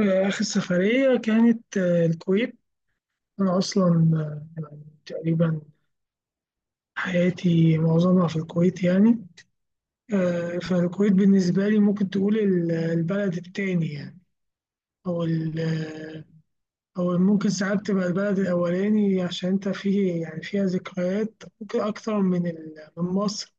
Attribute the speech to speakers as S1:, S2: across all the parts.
S1: آخر سفرية كانت الكويت. أنا أصلا يعني تقريبا حياتي معظمها في الكويت يعني. فالكويت بالنسبة لي ممكن تقول البلد التاني، يعني أو أو ممكن ساعات تبقى البلد الأولاني عشان أنت فيه، يعني فيها ذكريات ممكن أكتر من مصر.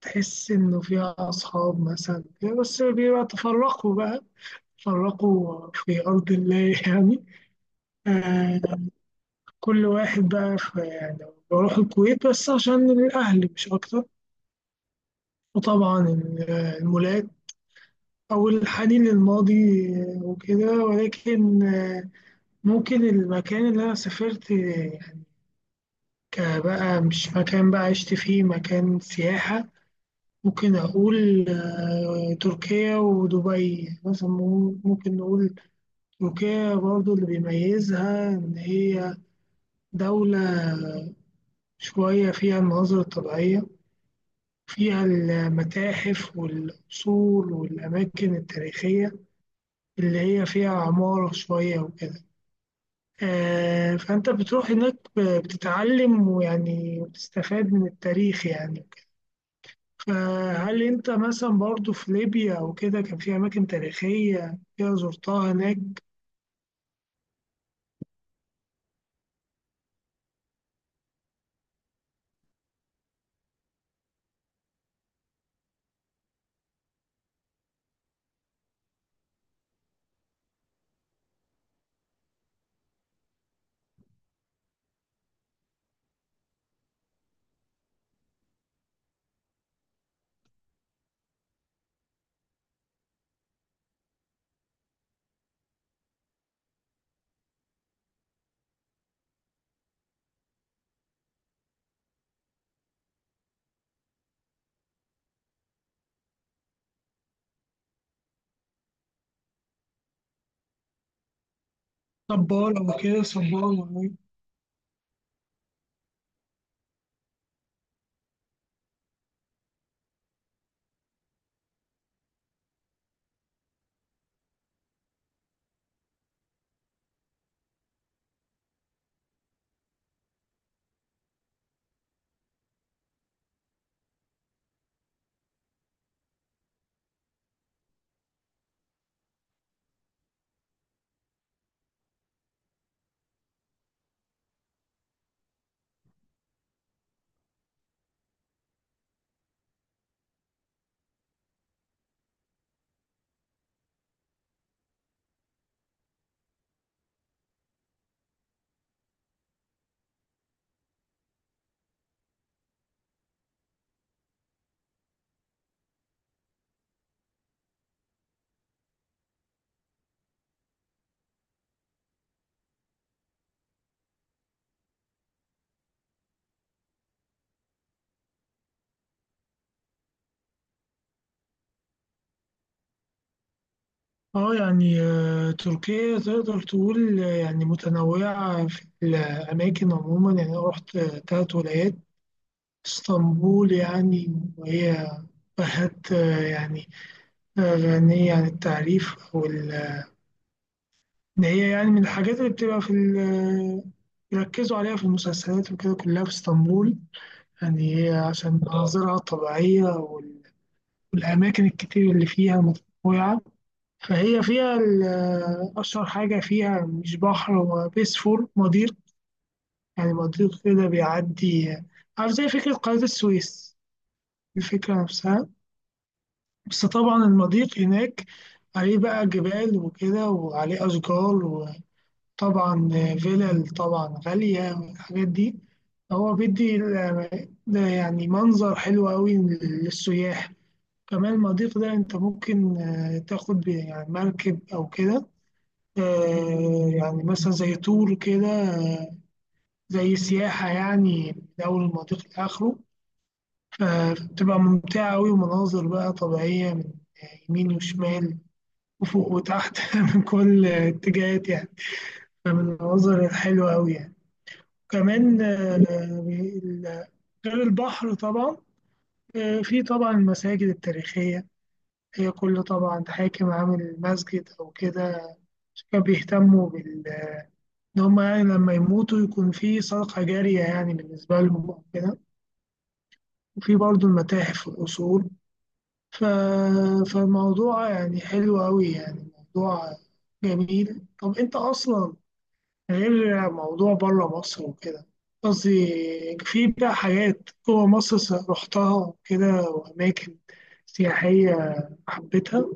S1: تحس إنه فيها أصحاب مثلا، بس بيبقى تفرقوا بقى، تفرقوا في أرض الله يعني. آه، كل واحد بقى في يعني، بروح الكويت بس عشان الأهل مش أكتر. وطبعا المولات، أو الحنين للماضي وكده. ولكن ممكن المكان اللي أنا سافرت، يعني كبقى مش مكان بقى عشت فيه، مكان سياحة. ممكن أقول تركيا ودبي مثلا، ممكن نقول تركيا. برضو اللي بيميزها إن هي دولة شوية فيها المناظر الطبيعية، فيها المتاحف والأصول والأماكن التاريخية، اللي هي فيها عمارة شوية وكده. فأنت بتروح هناك بتتعلم ويعني وتستفاد من التاريخ يعني وكده. فهل أنت مثلا برضو في ليبيا أو كده كان في أماكن تاريخية كده زرتها هناك؟ صبارة وكده، صبارة اه يعني، تركيا تقدر تقول يعني متنوعة في الأماكن عموما. يعني أنا رحت تلات ولايات. اسطنبول يعني، وهي بلد يعني غنية عن التعريف. أو إن هي يعني من الحاجات اللي بتبقى في بيركزوا عليها في المسلسلات وكده، كلها في اسطنبول. يعني هي عشان مناظرها الطبيعية والأماكن الكتير اللي فيها، متنوعة. فهي فيها أشهر حاجة فيها مش بحر، هو بيسفور، مضيق. يعني مضيق كده بيعدي، عارف، زي فكرة قناة السويس، الفكرة نفسها. بس طبعا المضيق هناك عليه بقى جبال وكده، وعليه أشجار. وطبعا فيلل طبعا غالية والحاجات دي. هو بيدي ده يعني منظر حلو أوي للسياح. كمان المضيق ده أنت ممكن تاخد يعني مركب أو كده، يعني مثلا زي تور كده، زي سياحة يعني، من أول المضيق لآخره. فبتبقى ممتعة أوي، ومناظر بقى طبيعية من يمين وشمال وفوق وتحت من كل اتجاهات يعني. فمن المناظر الحلوة أوي يعني. كمان غير البحر طبعا، في طبعا المساجد التاريخية. هي كل طبعا حاكم عامل مسجد أو كده، كانوا بيهتموا بال، إن هم يعني لما يموتوا يكون في صدقة جارية يعني بالنسبة لهم أو كده. وفي برضه المتاحف والأصول. ف... فالموضوع يعني حلو أوي يعني، موضوع جميل. طب أنت أصلا، غير موضوع بره مصر وكده، قصدي، في بقى حاجات جوه مصر رحتها وكده، وأماكن سياحية حبيتها؟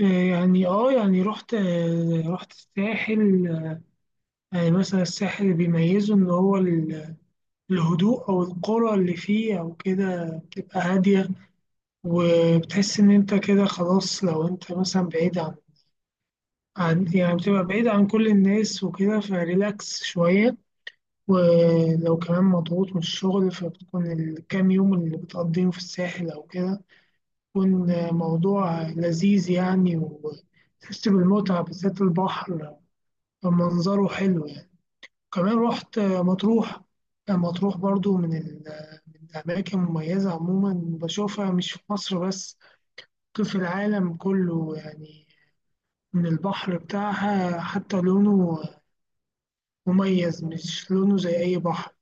S1: يعني اه يعني رحت رحت الساحل. يعني مثلا الساحل اللي بيميزه إن هو الهدوء، أو القرى اللي فيه أو كده بتبقى هادية. وبتحس إن أنت كده خلاص، لو أنت مثلا بعيد عن، يعني بتبقى بعيد عن كل الناس وكده، فريلاكس شوية. ولو كمان مضغوط من الشغل، فبتكون الكام يوم اللي بتقضيهم في الساحل أو كده، بيكون موضوع لذيذ يعني، وتحس بالمتعة، بالذات البحر منظره حلو يعني. كمان رحت مطروح. مطروح برضو من من الأماكن المميزة عموما، بشوفها مش في مصر بس، ممكن في العالم كله يعني. من البحر بتاعها حتى لونه مميز، مش لونه زي أي بحر.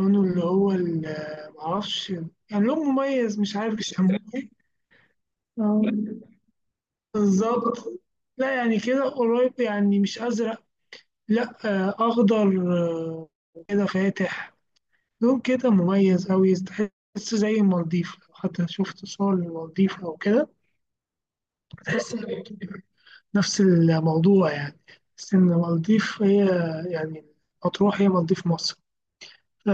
S1: لونه اللي هو معرفش، يعني لون مميز مش عارف يسموه ايه. آه، بالظبط. لا، يعني كده قريب يعني. مش أزرق، لا، آه، أخضر، آه، كده فاتح، لون كده مميز أوي. تحس زي المالديف، لو حتى شفت صور للمالديف أو كده، تحس نفس الموضوع يعني. بس إن المالديف هي يعني، مطروح هي مالديف مصر. ف-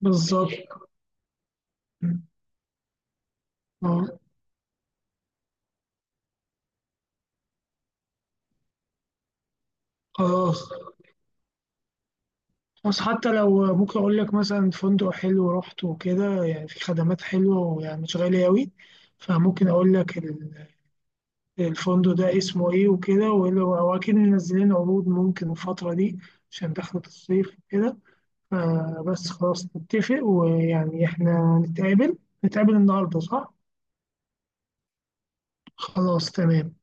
S1: بالظبط. آه، خلاص. بس حتى لو ممكن أقول لك مثلا فندق حلو رحت وكده، يعني في خدمات حلوة، ويعني مش غالية أوي. فممكن أقول لك الفندق ده اسمه إيه وكده، وأكيد منزلين عروض ممكن الفترة دي، عشان دخلت الصيف وكده. فبس خلاص نتفق، ويعني إحنا نتقابل، نتقابل النهاردة، صح؟ خلاص، تمام.